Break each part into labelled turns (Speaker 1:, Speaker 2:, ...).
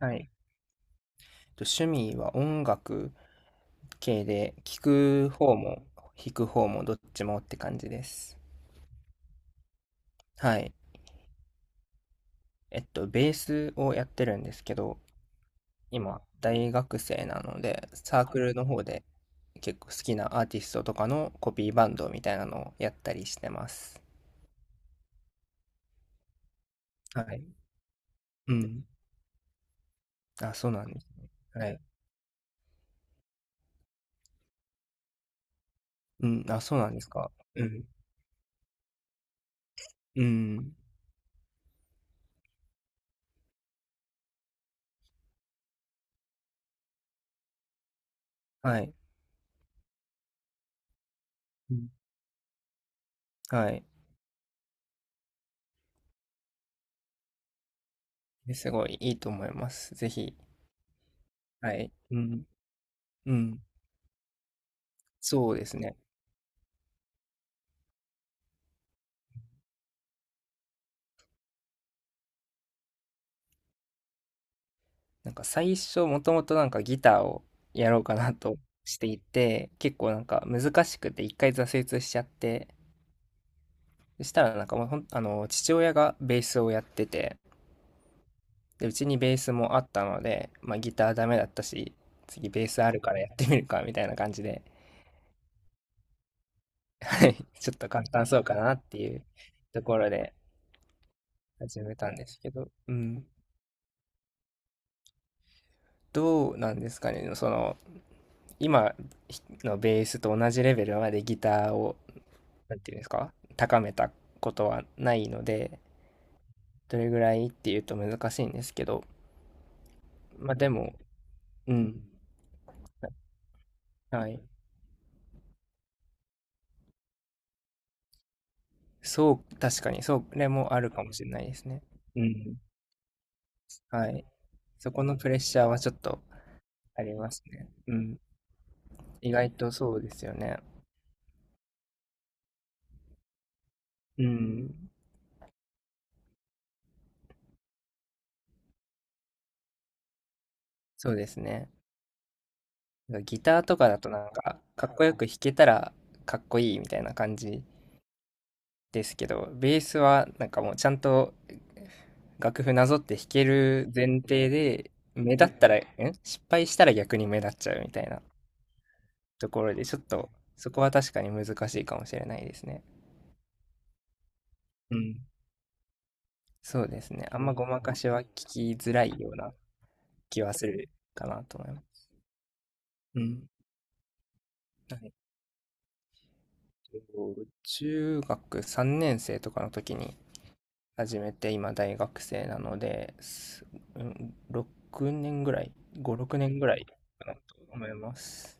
Speaker 1: はい。と趣味は音楽系で、聴く方も弾く方もどっちもって感じです。はい。ベースをやってるんですけど、今、大学生なので、サークルの方で結構好きなアーティストとかのコピーバンドみたいなのをやったりしてます。はい。うん。あ、そうなんです。はい。うん。あ、そうなんですか。うん。うん。はい。うんはい。すごいいいと思います。ぜひ。はい。うん。うん、そうですね。なんか最初もともとなんかギターをやろうかなとしていて、結構なんか難しくて一回挫折しちゃって、そしたらなんかもうほん、あの、父親がベースをやってて、で、うちにベースもあったので、まあギターダメだったし、次ベースあるからやってみるかみたいな感じで、はい、ちょっと簡単そうかなっていうところで始めたんですけど、うん。どうなんですかね、その、今のベースと同じレベルまでギターをなんていうんですか、高めたことはないので、どれぐらいっていうと難しいんですけど、まあでも、うん、はい。そう、確かに、そうこれもあるかもしれないですね。うん。はい。そこのプレッシャーはちょっとありますね。うん。意外とそうですよね。うん。そうですね。ギターとかだとなんか、かっこよく弾けたらかっこいいみたいな感じですけど、ベースはなんかもうちゃんと楽譜なぞって弾ける前提で、目立ったら、ん失敗したら逆に目立っちゃうみたいなところで、ちょっとそこは確かに難しいかもしれないですね。うん。そうですね。あんまごまかしは聞きづらいような気はするかなと思います。うん。はい。えっと中学3年生とかの時に始めて今大学生なので、うん6年ぐらい、5、6年ぐらいかなと思います。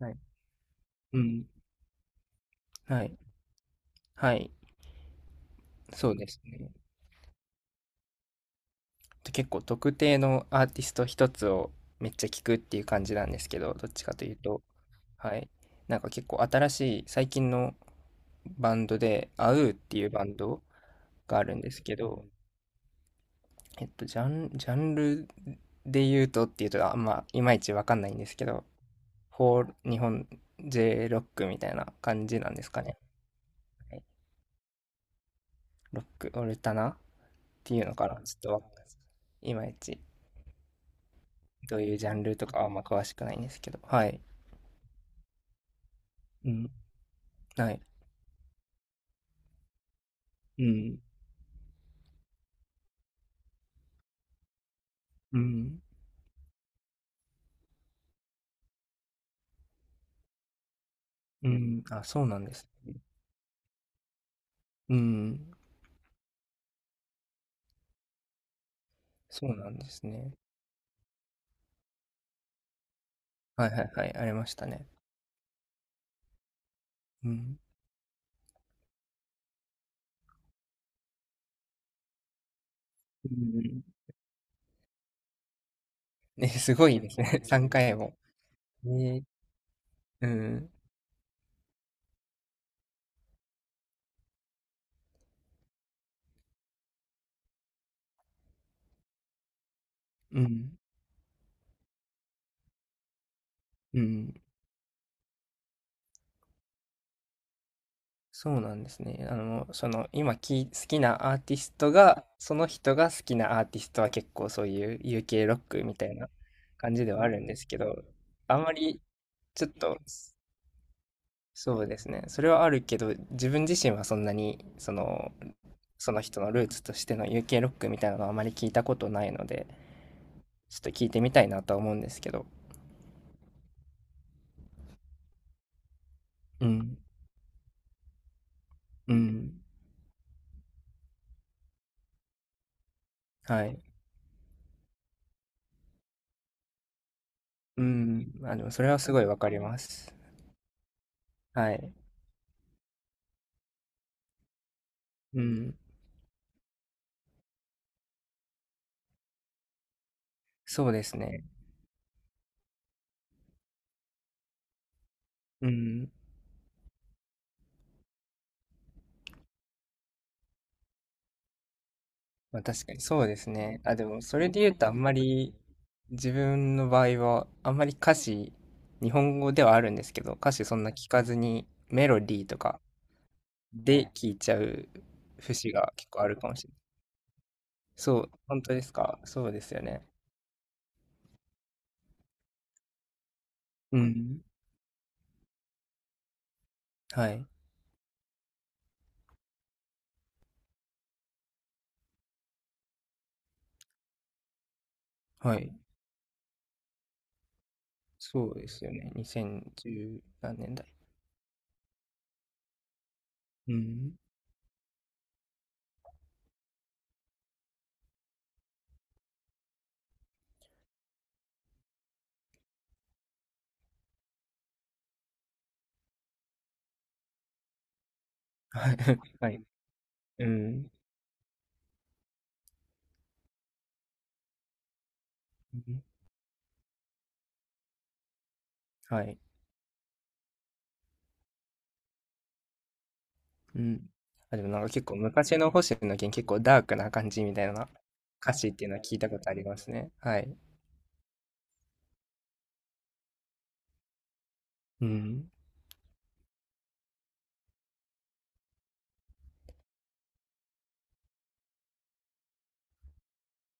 Speaker 1: はい。うん。はい。はい。そうですね。で結構特定のアーティスト一つをめっちゃ聞くっていう感じなんですけど、どっちかというと、はい。なんか結構新しい最近のバンドで、アウーっていうバンドがあるんですけど、ジャンルで言うとっていうと、あんまいまいちわかんないんですけど、フォー、日本 J ロックみたいな感じなんですかね。はい。ロック、オルタナっていうのかな。ちょっとわかんないです。いまいち、どういうジャンルとかはあんま詳しくないんですけど。はい。うん。はい。うん。うん。うん。あ、そうなんです。うん。そうなんですね。はいはいはい。ありましたね。うん。うん。ね、すごいですね。3回も。ね。うん。うん。うん。そうなんですね。その、好きなアーティストが、その人が好きなアーティストは結構そういう UK ロックみたいな感じではあるんですけど、あんまり、ちょっと、そうですね。それはあるけど、自分自身はそんなに、その、その人のルーツとしての UK ロックみたいなのはあまり聞いたことないので、ちょっと聞いてみたいなとは思うんですけど。うん。うん。はい。うん。あ、でもそれはすごいわかります。はい。うん。そうですね。うん。まあ確かにそうですね。あ、でもそれで言うとあんまり自分の場合はあんまり歌詞、日本語ではあるんですけど、歌詞そんな聞かずにメロディーとかで聞いちゃう節が結構あるかもしれない。そう、本当ですか。そうですよね。うん。はい。はい。そうですよね。2010何年代。うん。はい。はい。うん。うん。はい。うん。あ、でもなんか結構昔の星野源結構ダークな感じみたいな歌詞っていうのは聞いたことありますね。はい。うん。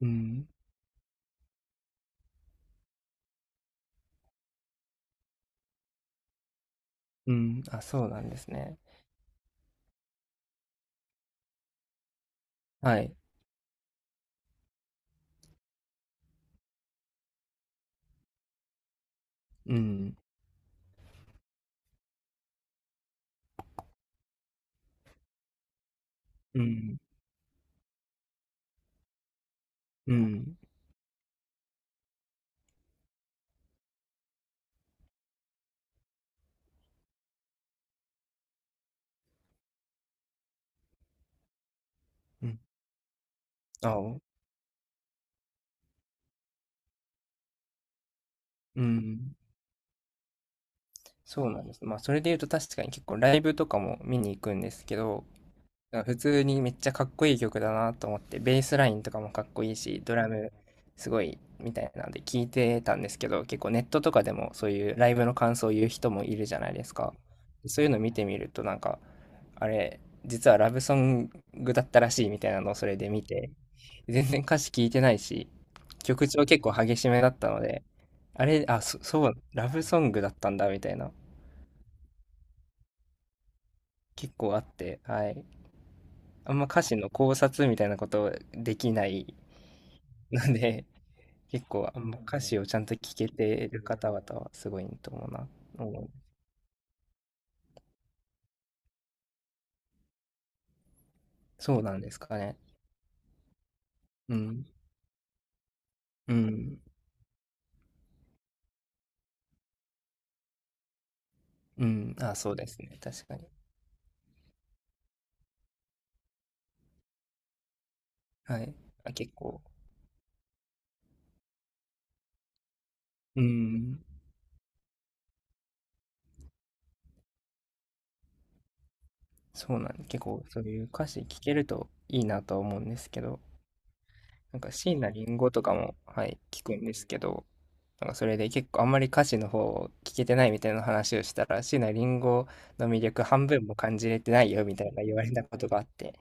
Speaker 1: うん。うん。あ、そうなんですね。はい。うん。うん。うん。うん。あ、お、うん。そうなんです。まあ、それで言うと確かに結構ライブとかも見に行くんですけど、普通にめっちゃかっこいい曲だなと思って、ベースラインとかもかっこいいし、ドラムすごいみたいなので聞いてたんですけど、結構ネットとかでもそういうライブの感想を言う人もいるじゃないですか。そういうの見てみるとなんか、あれ、実はラブソングだったらしいみたいなのをそれで見て、全然歌詞聞いてないし、曲調結構激しめだったので、あれ、あ、そう、ラブソングだったんだみたいな、結構あって、はい。あんま歌詞の考察みたいなことできないので、結構あんま歌詞をちゃんと聞けてる方々はすごいと思うな。うん。そうなんですかね。うん。うん。うん。あ、そうですね。確かに。はい。あ、結構。うん。そうなん、結構そういう歌詞聞けるといいなとは思うんですけど、なんか椎名林檎とかも、はい、聞くんですけど、なんかそれで結構あんまり歌詞の方を聞けてないみたいな話をしたら、椎名林檎の魅力半分も感じれてないよみたいな言われたことがあって、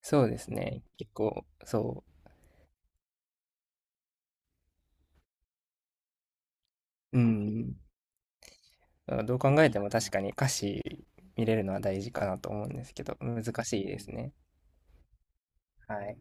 Speaker 1: そうですね、結構、そう、うん、どう考えても確かに歌詞見れるのは大事かなと思うんですけど、難しいですね。はい。